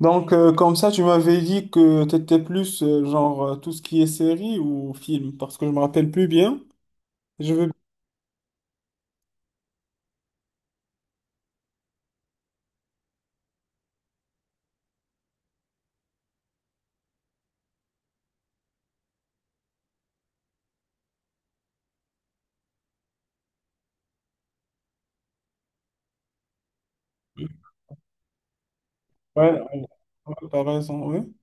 Comme ça, tu m'avais dit que tu étais plus tout ce qui est série ou film, parce que je me rappelle plus bien. Je veux. Ouais, ouais, ouais, t'as raison, oui.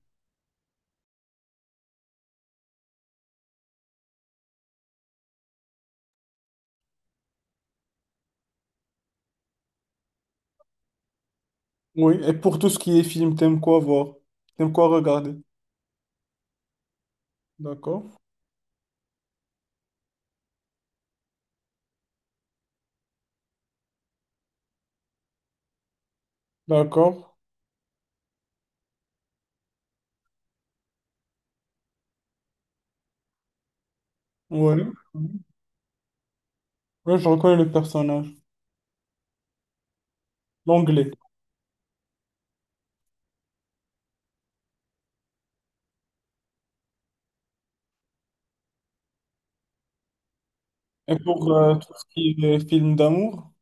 Oui, et pour tout ce qui est film, t'aimes quoi voir? T'aimes quoi regarder? D'accord. D'accord. Oui. Oui, je reconnais le personnage. L'anglais. Et pour tout ce qui est film d'amour?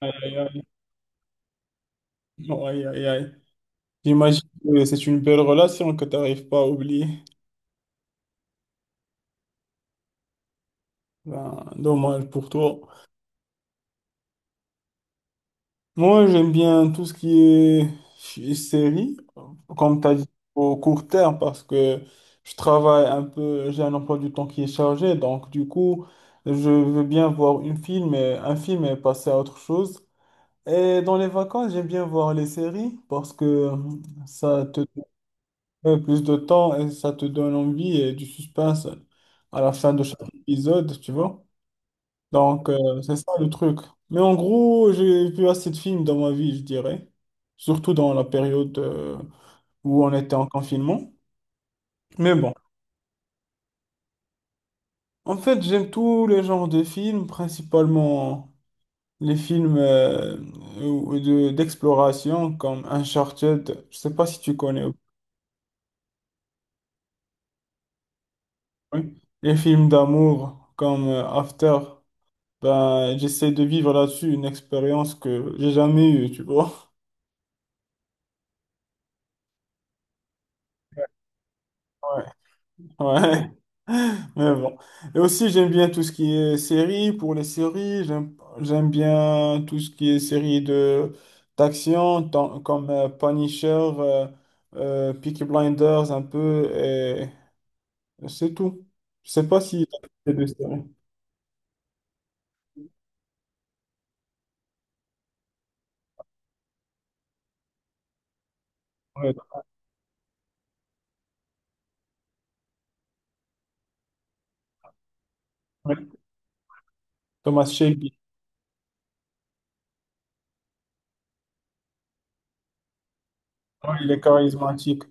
Aïe, aïe, aïe. Non, aïe, aïe, aïe. J'imagine que c'est une belle relation que tu n'arrives pas à oublier. Ben, dommage pour toi. Moi, j'aime bien tout ce qui est série, comme tu as dit, au court terme, parce que je travaille un peu, j'ai un emploi du temps qui est chargé, donc du coup, je veux bien voir un film et passer à autre chose. Et dans les vacances, j'aime bien voir les séries parce que ça te donne plus de temps et ça te donne envie et du suspense à la fin de chaque épisode, tu vois. C'est ça le truc. Mais en gros, j'ai vu assez de films dans ma vie, je dirais. Surtout dans la période où on était en confinement. Mais bon, en fait, j'aime tous les genres de films, principalement les films d'exploration comme Uncharted. Je sais pas si tu connais. Oui. Les films d'amour comme After. Ben, j'essaie de vivre là-dessus une expérience que j'ai jamais eue, tu vois. Ouais. Mais bon. Et aussi, j'aime bien tout ce qui est série pour les séries. J'aime bien tout ce qui est série de d'action, comme Punisher, Peaky Blinders, un peu, et c'est tout. Je sais pas si t'as fait des séries. Ouais, ouais. Thomas Shelby. Ouais, il est charismatique.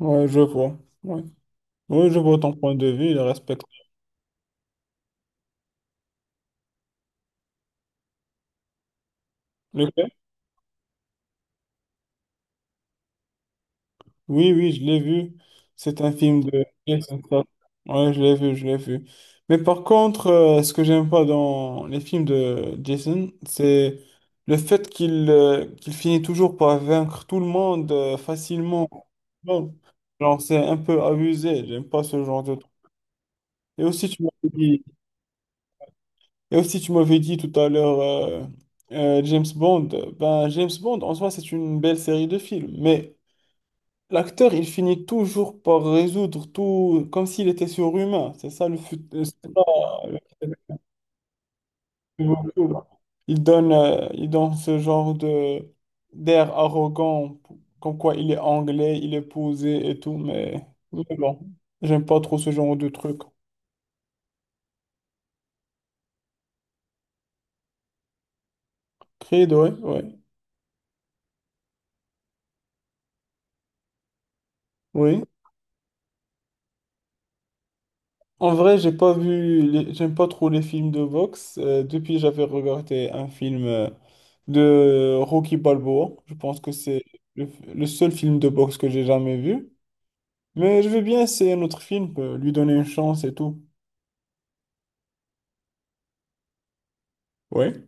Ouais, je vois. Ouais. Ouais, je vois ton point de vue, je respecte. Oui, oui, je l'ai vu. C'est un film de Jason Statham. Ouais, je l'ai vu, je l'ai vu. Mais par contre, ce que j'aime pas dans les films de Jason, c'est le fait qu'il finit toujours par vaincre tout le monde facilement. Bon, genre, c'est un peu abusé. J'aime pas ce genre de truc. Et aussi, tu m'avais dit, et aussi, tu m'avais dit tout à l'heure James Bond. Ben, James Bond, en soi, c'est une belle série de films. Mais l'acteur, il finit toujours par résoudre tout comme s'il était surhumain. C'est ça c'est ça, euh, il donne, il donne ce genre de d'air arrogant, comme quoi il est anglais, il est posé et tout, mais bon, j'aime pas trop ce genre de truc. Creed, ouais, ouais, oui. En vrai, j'ai pas vu, j'aime pas trop les films de boxe. Depuis, j'avais regardé un film de Rocky Balboa. Je pense que c'est le, le seul film de boxe que j'ai jamais vu. Mais je vais bien essayer un autre film, lui donner une chance et tout. Oui.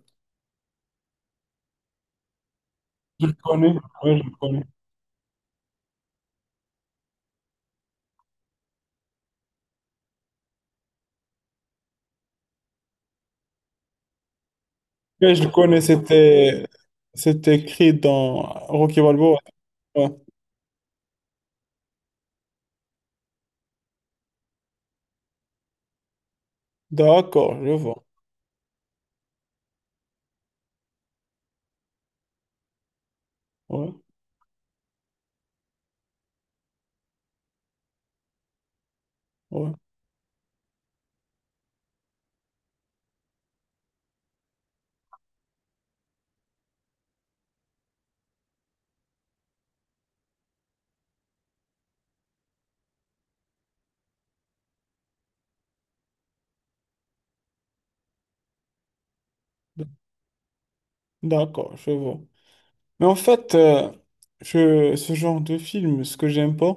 Je le connais. Ouais, je le connais. Ouais, je le connais, c'était, c'était écrit dans Rocky Balboa. Ouais. D'accord, je vois. Ouais, ouais. D'accord, je vois. Mais en fait, je, ce genre de film, ce que j'aime pas,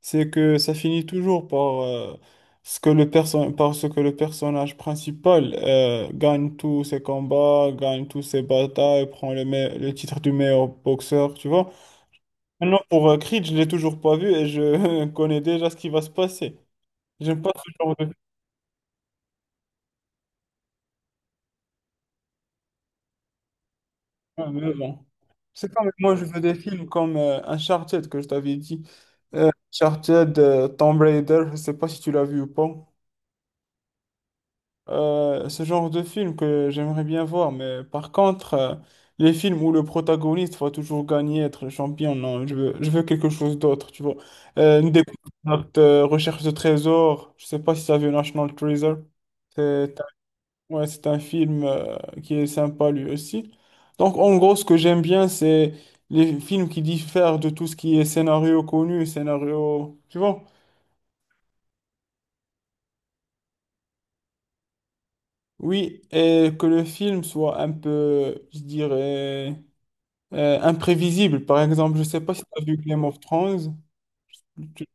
c'est que ça finit toujours par, ce que par ce que le personnage principal gagne tous ses combats, gagne tous ses batailles, prend le titre du meilleur boxeur, tu vois. Maintenant, pour Creed, je l'ai toujours pas vu et je connais déjà ce qui va se passer. J'aime pas ce genre de. Ouais, mais bon. C'est comme moi, je veux des films comme Uncharted que je t'avais dit. Uncharted, Tomb Raider, je sais pas si tu l'as vu ou pas. Ce genre de film que j'aimerais bien voir, mais par contre, les films où le protagoniste va toujours gagner, être le champion, non, je veux quelque chose d'autre, tu vois. Une découverte, recherche de trésors, je sais pas si ça vu National Treasure. C'est. Ouais, c'est un film qui est sympa lui aussi. Donc, en gros, ce que j'aime bien, c'est les films qui diffèrent de tout ce qui est scénario connu, scénario, tu vois? Oui, et que le film soit un peu, je dirais, imprévisible. Par exemple, je sais pas si tu as vu Game of Thrones. Tu-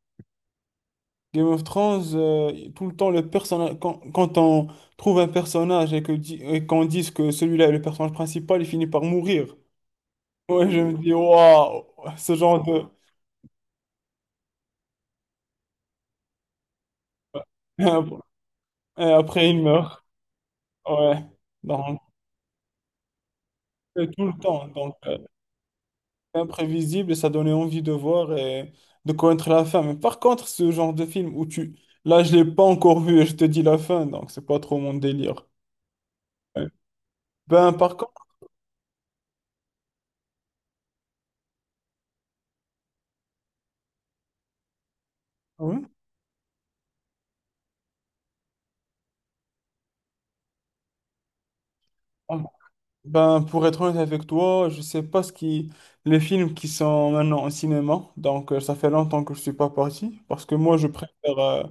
Game of Thrones, tout le temps, le personnage, quand on trouve un personnage et et qu'on dise que celui-là est le personnage principal, il finit par mourir. Ouais, je me dis, waouh, ce genre de, Et ap- et après, il meurt. Ouais. Donc, c'est tout le temps. C'est imprévisible et ça donnait envie de voir et de connaître la fin. Mais par contre, ce genre de film où tu. Là, je l'ai pas encore vu et je te dis la fin, donc c'est pas trop mon délire. Ouais. Ben, par contre, oui. Pardon. Ben, pour être honnête avec toi, je sais pas ce qui. Les films qui sont maintenant au cinéma. Donc, ça fait longtemps que je suis pas parti. Parce que moi, je préfère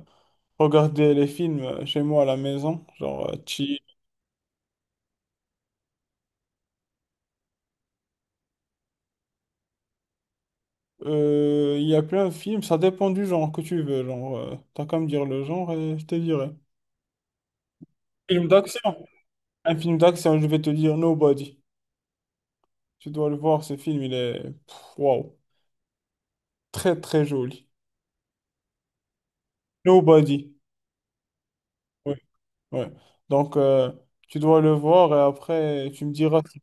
regarder les films chez moi à la maison. Genre, chill. Il y a plein de films, ça dépend du genre que tu veux. Genre, t'as qu'à me dire le genre et je te dirai. Film d'action. Un film d'action, je vais te dire Nobody. Tu dois le voir, ce film, il est pff, waouh. Très, très joli. Nobody. Ouais, ouais. Donc, tu dois le voir et après, tu me diras si-.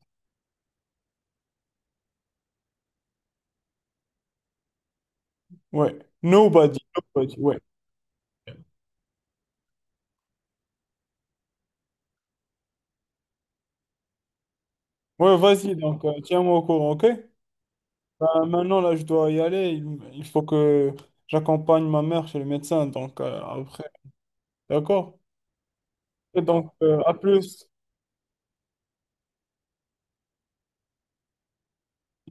Ouais. Nobody. Nobody. Ouais. Ouais, vas-y, donc, tiens-moi au courant, ok? Ben, maintenant, là, je dois y aller. Il faut que j'accompagne ma mère chez le médecin, donc, après. D'accord? Et donc, à plus.